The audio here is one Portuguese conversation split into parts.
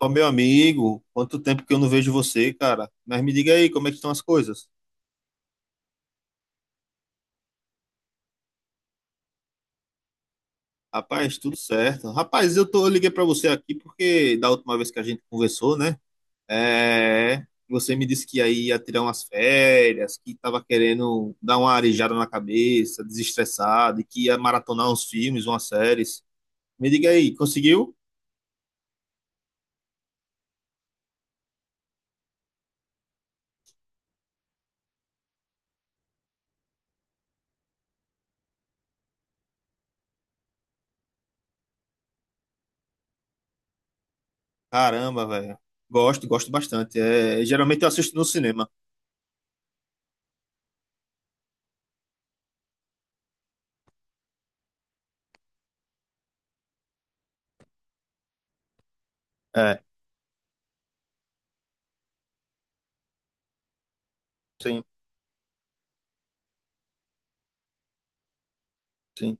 Ó, meu amigo, quanto tempo que eu não vejo você, cara. Mas me diga aí, como é que estão as coisas? Rapaz, tudo certo. Rapaz, eu liguei pra você aqui porque da última vez que a gente conversou, né? Você me disse que aí ia tirar umas férias, que tava querendo dar uma arejada na cabeça, desestressado, e que ia maratonar uns filmes, umas séries. Me diga aí, conseguiu? Caramba, velho. Gosto, gosto bastante. É, geralmente eu assisto no cinema. É, sim, sim,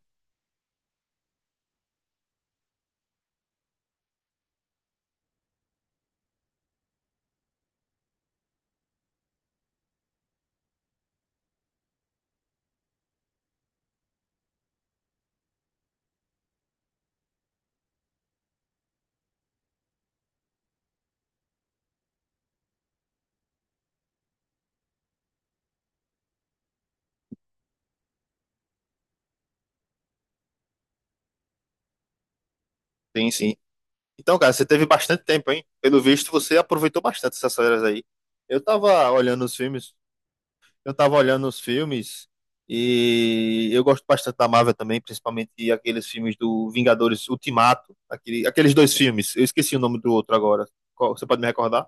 tem sim. Então, cara, você teve bastante tempo, hein? Pelo visto, você aproveitou bastante essas férias aí. Eu tava olhando os filmes, eu tava olhando os filmes e eu gosto bastante da Marvel também, principalmente aqueles filmes do Vingadores Ultimato, aquele, aqueles dois filmes. Eu esqueci o nome do outro agora. Qual- você pode me recordar?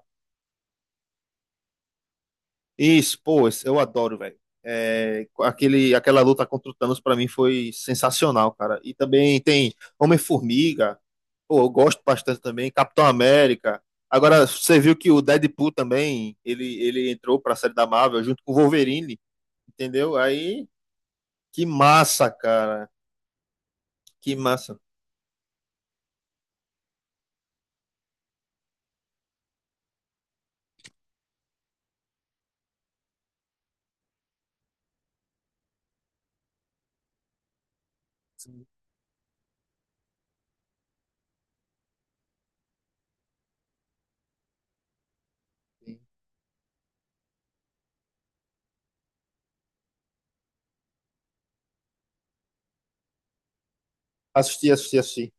Isso, pô, esse- eu adoro, velho. Aquele, aquela luta contra o Thanos pra mim foi sensacional, cara. E também tem Homem-Formiga, pô, eu gosto bastante também, Capitão América. Agora, você viu que o Deadpool também, ele entrou pra série da Marvel junto com o Wolverine, entendeu? Aí, que massa, cara. Que massa. Assisti, assisti, assisti.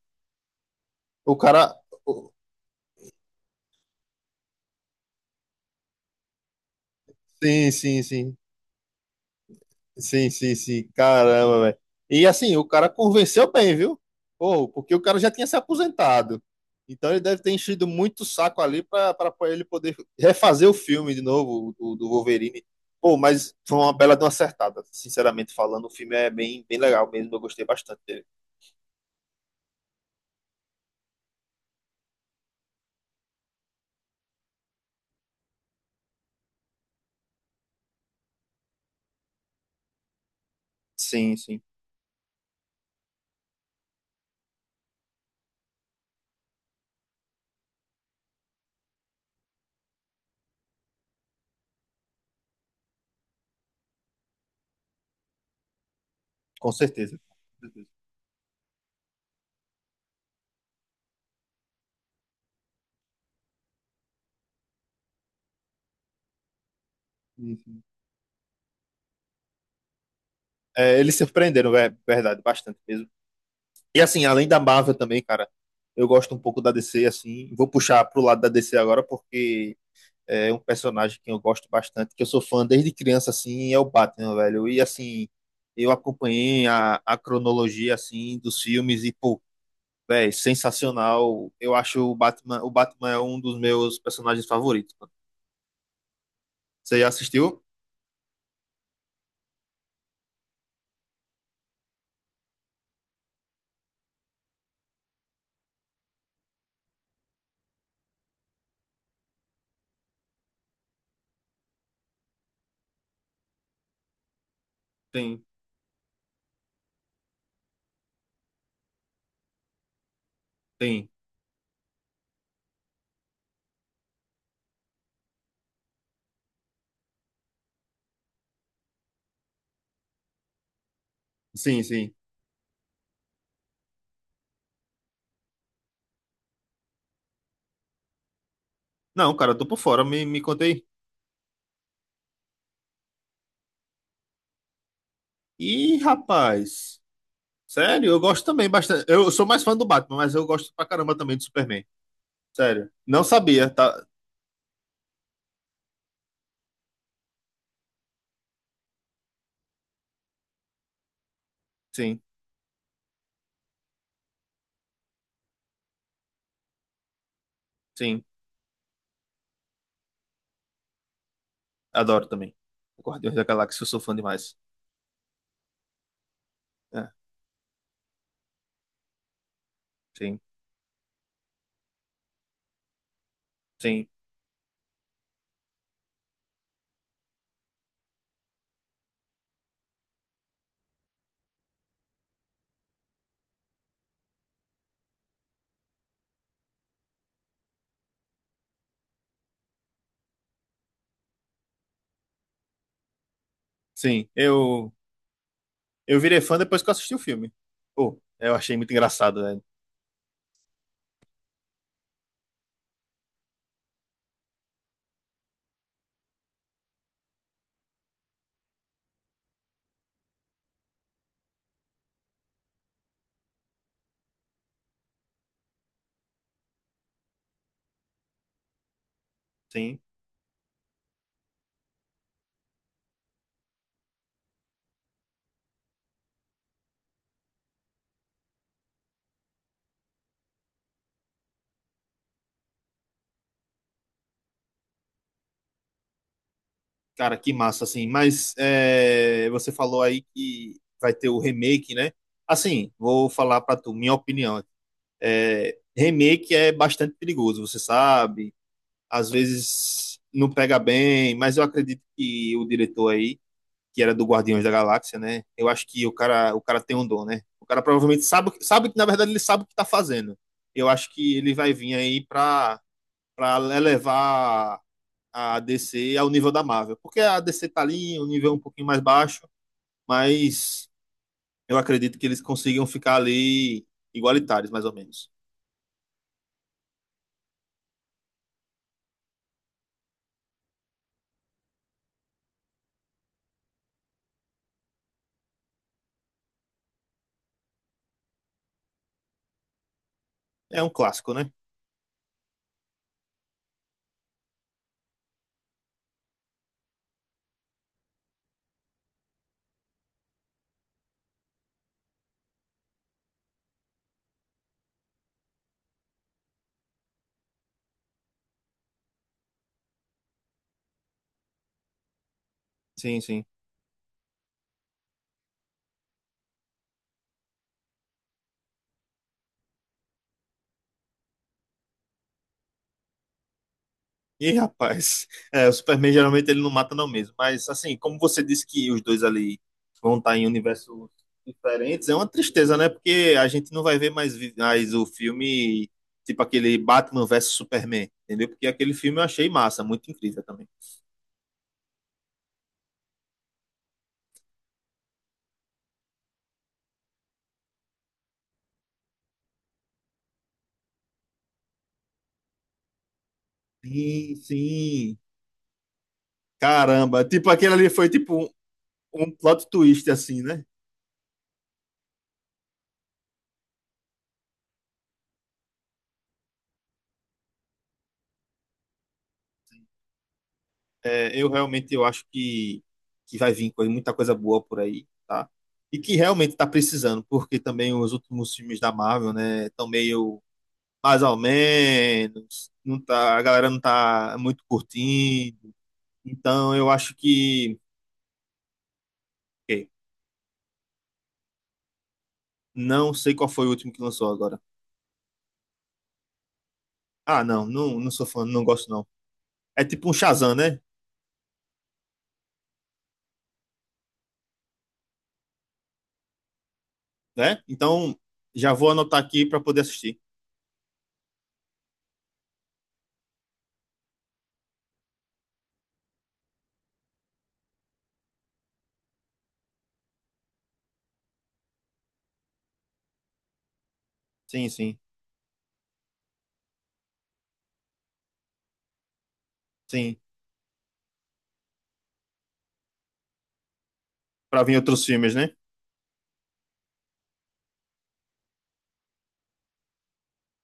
O cara. o- Sim, sim, sim. Sim, sim, sim. Caramba, velho. E assim, o cara convenceu bem, viu? Pô, porque o cara já tinha se aposentado. Então ele deve ter enchido muito o saco ali para ele poder refazer o filme de novo, do Wolverine. Pô, mas foi uma bela de uma acertada. Sinceramente falando, o filme é bem, bem legal mesmo. Eu gostei bastante dele. Sim, sim. Com certeza. Com certeza. Sim, sim. É, eles surpreenderam, é verdade, bastante mesmo. E assim, além da Marvel também, cara, eu gosto um pouco da DC, assim. Vou puxar pro lado da DC agora, porque é um personagem que eu gosto bastante, que eu sou fã desde criança, assim, é o Batman, velho. E assim, eu acompanhei a cronologia, assim, dos filmes e, pô, velho, sensacional. Eu acho o Batman é um dos meus personagens favoritos, mano. Você já assistiu? Sim, sim, sim, sim. Não, cara, eu tô por fora, me contei. Ih, rapaz, sério, eu gosto também bastante. Eu sou mais fã do Batman, mas eu gosto pra caramba também do Superman. Sério, não sabia, tá? Sim, sim. Adoro também. Guardiões da Galáxia, eu sou fã demais. É, sim, sim, sim. Eu virei fã depois que eu assisti o filme. Pô, eu achei muito engraçado, né? Sim. Cara, que massa, assim. Mas é, você falou aí que vai ter o remake, né? Assim, vou falar pra tu, minha opinião. É, remake é bastante perigoso, você sabe. Às vezes não pega bem, mas eu acredito que o diretor aí que era do Guardiões da Galáxia, né? Eu acho que o cara tem um dom, né? O cara provavelmente sabe, sabe que, na verdade, ele sabe o que tá fazendo. Eu acho que ele vai vir aí pra elevar a DC ao nível da Marvel. Porque a DC tá ali, um nível um pouquinho mais baixo, mas eu acredito que eles consigam ficar ali igualitários, mais ou menos. É um clássico, né? Sim, sim. Ih, rapaz, é, o Superman geralmente ele não mata não mesmo, mas assim, como você disse que os dois ali vão estar em universos diferentes, é uma tristeza, né? Porque a gente não vai ver mais, vi- mais o filme, tipo aquele Batman versus Superman, entendeu? Porque aquele filme eu achei massa, muito incrível também. Sim, sim. Caramba, tipo aquele ali foi tipo um plot twist assim, né? É, eu realmente eu acho que vai vir coisa- muita coisa boa por aí, tá? E que realmente está precisando, porque também os últimos filmes da Marvel, né, estão meio mais ou menos, não tá, a galera não tá muito curtindo. Então eu acho que, ok, não sei qual foi o último que lançou agora. Ah, não, não, não sou fã, não gosto não. É tipo um Shazam, né? Né? Então já vou anotar aqui para poder assistir. Sim, sim, sim. Para vir outros filmes, né?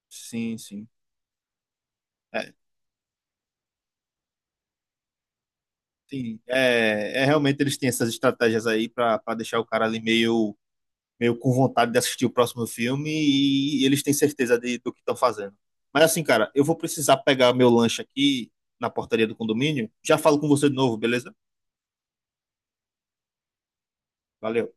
Sim, sim. É, sim, é, é realmente eles têm essas estratégias aí para deixar o cara ali meio, meio com vontade de assistir o próximo filme e, eles têm certeza de, do que estão fazendo. Mas assim, cara, eu vou precisar pegar meu lanche aqui na portaria do condomínio. Já falo com você de novo, beleza? Valeu.